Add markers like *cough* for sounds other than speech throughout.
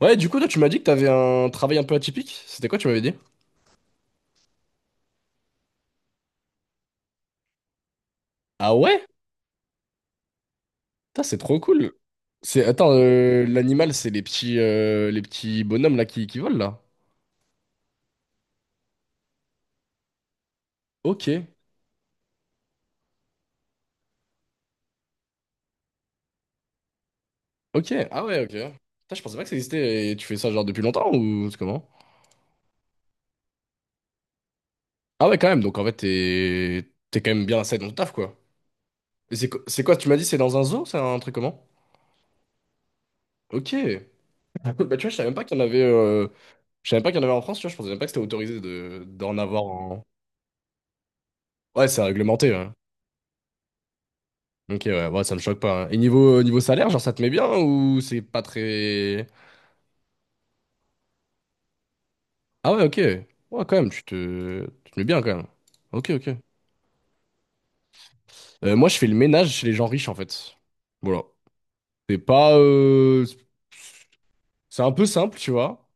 Ouais, du coup, toi, tu m'as dit que t'avais un travail un peu atypique. C'était quoi, tu m'avais dit? Ah ouais? Putain, c'est trop cool. C'est attends, l'animal, c'est les petits bonhommes là qui volent là. Ok, ok, ah ouais, ok. Putain, je pensais pas que ça existait. Et tu fais ça genre depuis longtemps ou c'est comment? Ah ouais, quand même. Donc en fait, t'es quand même bien assez dans ton taf quoi. Et c'est quoi? Tu m'as dit c'est dans un zoo, c'est un truc comment? Ok. *laughs* Ah, cool. Bah tu vois, je savais même pas qu'il y en avait. Je savais même pas qu'il y en avait en France. Tu vois, je pensais même pas que c'était autorisé de d'en avoir en. Ouais, c'est réglementé. Ouais. Ok, ouais, ouais, ça me choque pas. Hein. Et niveau salaire, genre, ça te met bien ou c'est pas très. Ah ouais, ok. Ouais, quand même, tu te mets bien quand même. Ok, ok. Moi, je fais le ménage chez les gens riches, en fait. Voilà. C'est pas. C'est un peu simple, tu vois.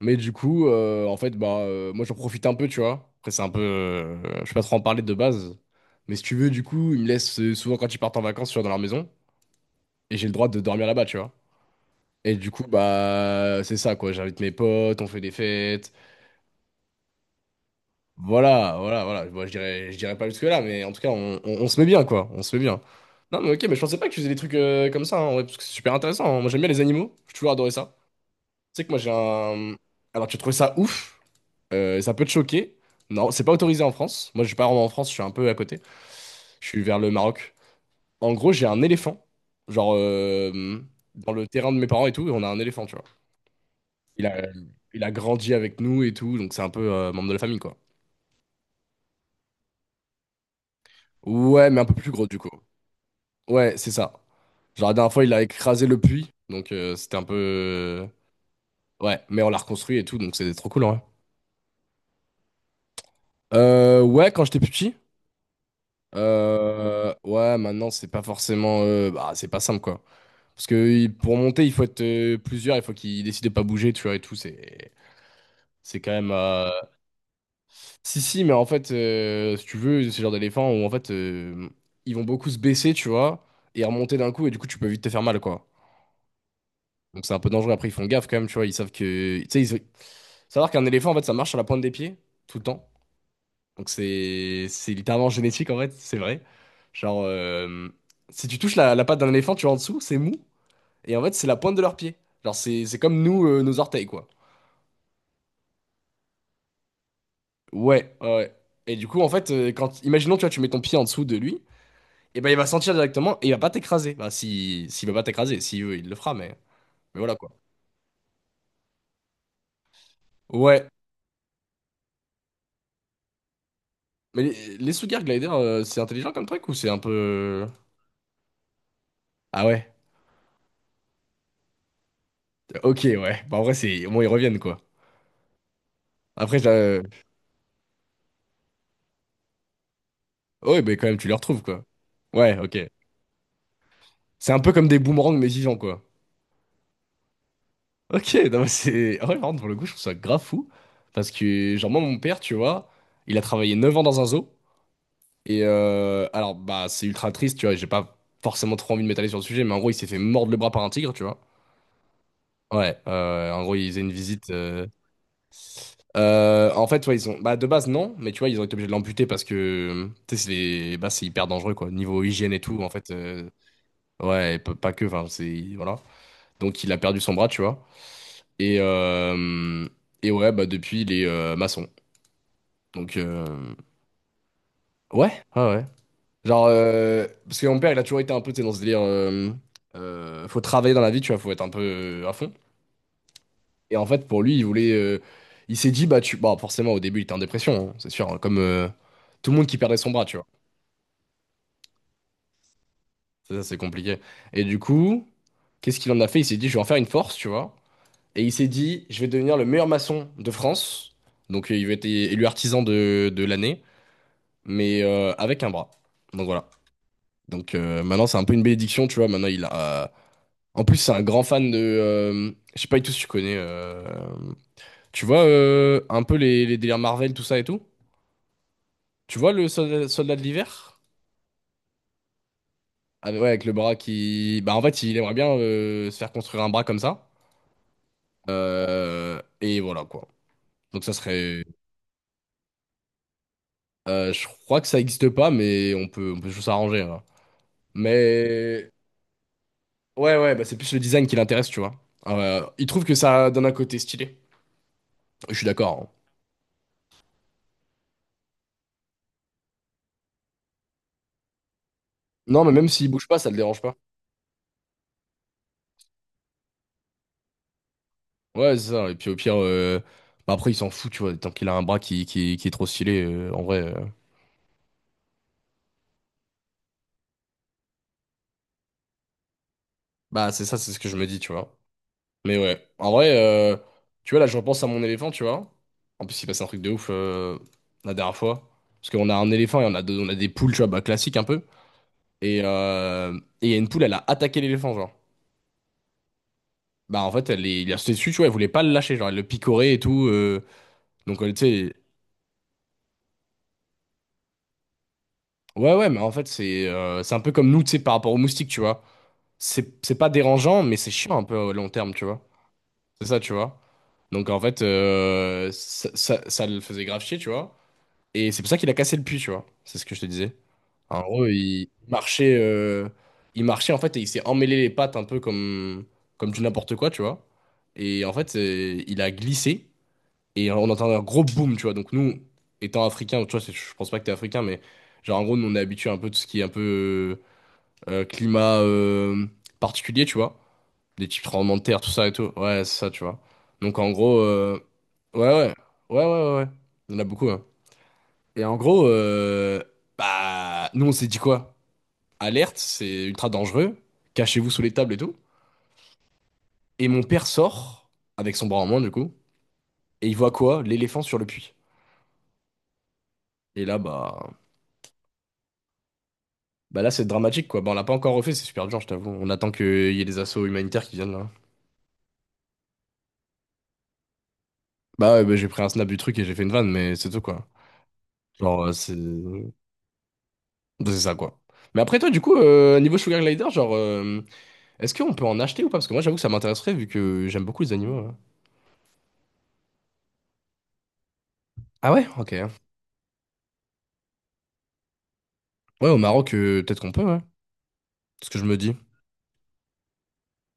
Mais du coup, en fait, bah, moi, j'en profite un peu, tu vois. Après, c'est un peu. Je sais pas trop en parler de base. Mais si tu veux, du coup, ils me laissent souvent quand ils partent en vacances, tu vois, dans leur maison. Et j'ai le droit de dormir là-bas, tu vois. Et du coup, bah, c'est ça, quoi. J'invite mes potes, on fait des fêtes. Voilà, voilà, voilà. Bon, je dirais pas jusque-là, mais en tout cas, on se met bien, quoi. On se met bien. Non, mais ok, mais je pensais pas que tu faisais des trucs comme ça, hein, en vrai, parce que c'est super intéressant. Hein. Moi, j'aime bien les animaux. J'ai toujours adoré ça. Tu sais que moi, j'ai un. Alors, tu trouves ça ouf, ça peut te choquer. Non, c'est pas autorisé en France. Moi, je suis pas vraiment en France, je suis un peu à côté. Je suis vers le Maroc. En gros, j'ai un éléphant. Genre, dans le terrain de mes parents et tout, on a un éléphant, tu vois. Il a, il a grandi avec nous et tout, donc c'est un peu membre de la famille, quoi. Ouais, mais un peu plus gros, du coup. Ouais, c'est ça. Genre, la dernière fois, il a écrasé le puits. Donc, c'était un peu. Ouais, mais on l'a reconstruit et tout. Donc, c'était trop cool, ouais. Ouais, quand j'étais plus petit. Ouais, maintenant, c'est pas forcément. Bah, c'est pas simple, quoi. Parce que pour monter, il faut être plusieurs. Il faut qu'ils décident de pas bouger, tu vois, et tout. C'est. C'est quand même. Si, si, mais en fait, si tu veux, c'est le genre d'éléphant où, en fait, ils vont beaucoup se baisser, tu vois, et remonter d'un coup. Et du coup, tu peux vite te faire mal, quoi. Donc c'est un peu dangereux. Après, ils font gaffe quand même, tu vois. Ils savent que. Tu sais, ils. Savoir qu'un éléphant, en fait, ça marche sur la pointe des pieds, tout le temps. Donc c'est littéralement génétique, en fait, c'est vrai. Genre, si tu touches la patte d'un éléphant, tu vois en dessous, c'est mou. Et en fait, c'est la pointe de leurs pieds. Genre, c'est comme nous, nos orteils, quoi. Ouais, ouais. Ouais. Et du coup, en fait, quand, imaginons, tu vois, tu mets ton pied en dessous de lui, et ben il va sentir directement et il va pas t'écraser. Bah, si, s'il va pas t'écraser, s'il veut, il le fera, mais voilà, quoi. Ouais. Mais les Sugar Glider, c'est intelligent comme truc ou c'est un peu. Ah ouais, ok, ouais. Bah, en vrai, c'est au moins ils reviennent, quoi. Après, ouais, mais quand même, tu les retrouves, quoi. Ouais, ok. C'est un peu comme des boomerangs, mais vivants, quoi. Ok, non, mais c'est. Ah ouais, par contre, pour le coup, je trouve ça grave fou. Parce que, genre, moi, mon père, tu vois, il a travaillé 9 ans dans un zoo. Et alors, bah, c'est ultra triste, tu vois, et j'ai pas forcément trop envie de m'étaler sur le sujet, mais en gros, il s'est fait mordre le bras par un tigre, tu vois. Ouais, en gros, ils faisaient une visite. En fait, ouais, ils ont. Bah, de base, non, mais tu vois, ils ont été obligés de l'amputer parce que. Tu sais, c'est bah, c'est hyper dangereux, quoi. Niveau hygiène et tout, en fait, Ouais, et pas que, enfin, c'est. Voilà. Donc, il a perdu son bras, tu vois. Et, euh, et ouais, bah, depuis, il est maçon. Donc, ouais, ouais, ouais. Genre, parce que mon père, il a toujours été un peu, tu sais, dans ce délire. Faut travailler dans la vie, tu vois, faut être un peu à fond. Et en fait, pour lui, il voulait. Il s'est dit, bah, tu. Bon, forcément, au début, il était en dépression, hein, c'est sûr, hein, comme tout le monde qui perdait son bras, tu vois. Ça, c'est compliqué. Et du coup, qu'est-ce qu'il en a fait? Il s'est dit, je vais en faire une force, tu vois. Et il s'est dit, je vais devenir le meilleur maçon de France. Donc il va être élu artisan de l'année, mais avec un bras. Donc voilà. Donc maintenant c'est un peu une bénédiction, tu vois. Maintenant il a. En plus c'est un grand fan de. Je sais pas du tout si tu connais. Tu vois un peu les délires Marvel, tout ça et tout? Tu vois le soldat de l'hiver? Ah, ouais, avec le bras qui. Bah en fait il aimerait bien se faire construire un bras comme ça. Et voilà quoi. Donc ça serait. Je crois que ça existe pas, mais on peut toujours s'arranger. Hein. Mais ouais, ouais, bah c'est plus le design qui l'intéresse, tu vois. Il trouve que ça donne un côté stylé. Je suis d'accord. Hein. Non, mais même s'il bouge pas, ça le dérange pas. Ouais, c'est ça. Et puis au pire, bah après, il s'en fout, tu vois. Tant qu'il a un bras qui est trop stylé, en vrai. Bah, c'est ça, c'est ce que je me dis, tu vois. Mais ouais, en vrai, tu vois, là, je repense à mon éléphant, tu vois. En plus, il passe un truc de ouf la dernière fois. Parce qu'on a un éléphant et on a des poules, tu vois, bah, classiques un peu. Et, euh, et il y a une poule elle a attaqué l'éléphant, genre. Bah, en fait, elle est, il a sauté dessus, tu vois, elle voulait pas le lâcher, genre, elle le picorait et tout. Donc, elle, tu sais. Ouais, ouais, mais en fait, c'est un peu comme nous, tu sais, par rapport aux moustiques, tu vois. C'est pas dérangeant, mais c'est chiant un peu au long terme, tu vois. C'est ça, tu vois. Donc, en fait, ça le faisait grave chier, tu vois. Et c'est pour ça qu'il a cassé le puits, tu vois. C'est ce que je te disais. En gros, il marchait en fait et il s'est emmêlé les pattes un peu comme du n'importe quoi, tu vois. Et en fait, il a glissé et on entend un gros boom, tu vois. Donc nous, étant africains, tu vois, je pense pas que t'es africain, mais genre en gros, nous on est habitué un peu de tout ce qui est un peu climat particulier, tu vois. Des types tremblements de terre, tout ça et tout. Ouais, c'est ça, tu vois. Donc en gros, ouais, ouais, ouais, ouais, ouais, ouais. Il y en a beaucoup, hein. Et en gros, bah, nous on s'est dit quoi? Alerte, c'est ultra dangereux, cachez-vous sous les tables et tout. Et mon père sort, avec son bras en moins du coup, et il voit quoi? L'éléphant sur le puits. Et là, bah, là, c'est dramatique quoi. Bah, on l'a pas encore refait, c'est super dur, je t'avoue. On attend qu'il y ait des assauts humanitaires qui viennent là. Bah ouais, bah, j'ai pris un snap du truc et j'ai fait une vanne, mais c'est tout quoi. Genre, c'est. Bah, c'est ça quoi. Mais après, toi, du coup, niveau Sugar Glider, est-ce qu'on peut en acheter ou pas? Parce que moi, j'avoue que ça m'intéresserait vu que j'aime beaucoup les animaux, ouais. Ah ouais? Ok. Ouais, au Maroc, peut-être qu'on peut, ouais. C'est ce que je me dis.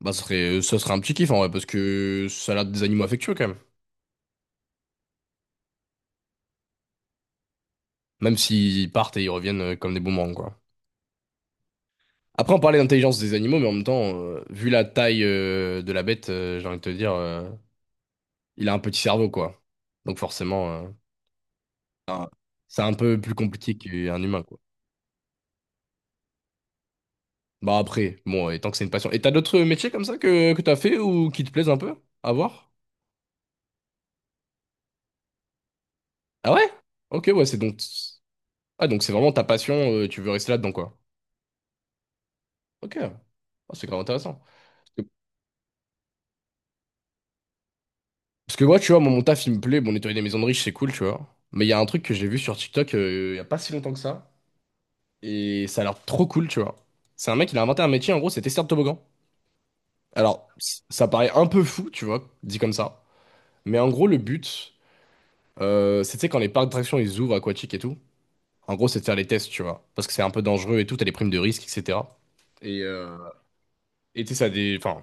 Bah, ça serait un petit kiff en vrai, parce que ça a l'air des animaux affectueux quand même. Même s'ils partent et ils reviennent comme des boomerangs, quoi. Après, on parlait d'intelligence des animaux, mais en même temps, vu la taille de la bête, j'ai envie de te dire, il a un petit cerveau, quoi. Donc forcément, euh. Ah, c'est un peu plus compliqué qu'un humain, quoi. Bah après, bon, et tant que c'est une passion. Et t'as d'autres métiers comme ça que t'as fait ou qui te plaisent un peu à voir? Ah ouais? Ok, ouais, c'est donc... Ah, donc c'est vraiment ta passion, tu veux rester là-dedans, quoi. Ok. Ah, c'est grave intéressant. Parce que moi, tu vois, moi, mon taf, il me plaît. Bon, nettoyer des maisons de riches, c'est cool, tu vois. Mais il y a un truc que j'ai vu sur TikTok il y a pas si longtemps que ça. Et ça a l'air trop cool, tu vois. C'est un mec, il a inventé un métier, en gros, c'est testeur de toboggan. Alors, ça paraît un peu fou, tu vois, dit comme ça. Mais en gros, le but, c'est, tu sais, quand les parcs d'attractions, ils ouvrent aquatiques et tout. En gros, c'est de faire les tests, tu vois. Parce que c'est un peu dangereux et tout, t'as les primes de risque, etc. Et euh, et tu sais,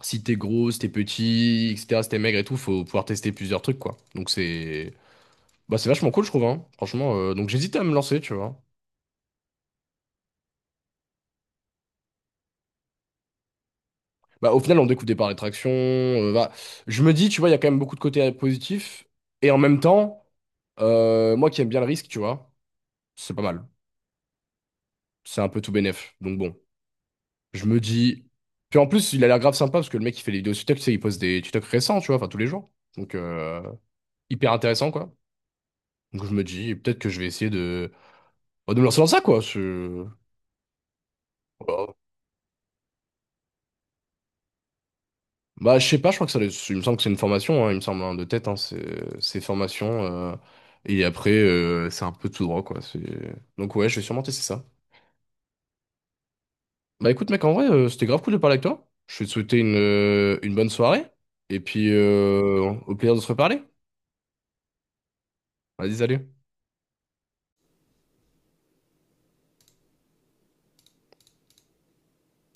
si t'es gros, si t'es petit, etc., si t'es maigre et tout, faut pouvoir tester plusieurs trucs, quoi. Donc, c'est. Bah, c'est vachement cool, je trouve, hein. Franchement, donc j'hésitais à me lancer, tu vois. Bah, au final, on découvre des par d'attraction. Bah, je me dis, tu vois, il y a quand même beaucoup de côtés positifs. Et en même temps, moi qui aime bien le risque, tu vois, c'est pas mal. C'est un peu tout bénef. Donc bon, je me dis. Puis en plus, il a l'air grave sympa parce que le mec, il fait les vidéos sur TikTok, tu sais, il poste des TikTok récents, tu vois, enfin tous les jours. Donc, hyper intéressant, quoi. Donc je me dis, peut-être que je vais essayer de, bah, de me lancer dans ça, quoi. Je... Bah, je sais pas, je crois que il me semble que c'est une formation, hein, il me semble, hein, de tête, hein, c'est formation, euh, et après, c'est un peu tout droit, quoi. Donc, ouais, je vais sûrement tester ça. Bah, écoute, mec, en vrai, c'était grave cool de parler avec toi. Je vais te souhaiter une bonne soirée, et puis, au plaisir de se reparler. Vas-y, salut.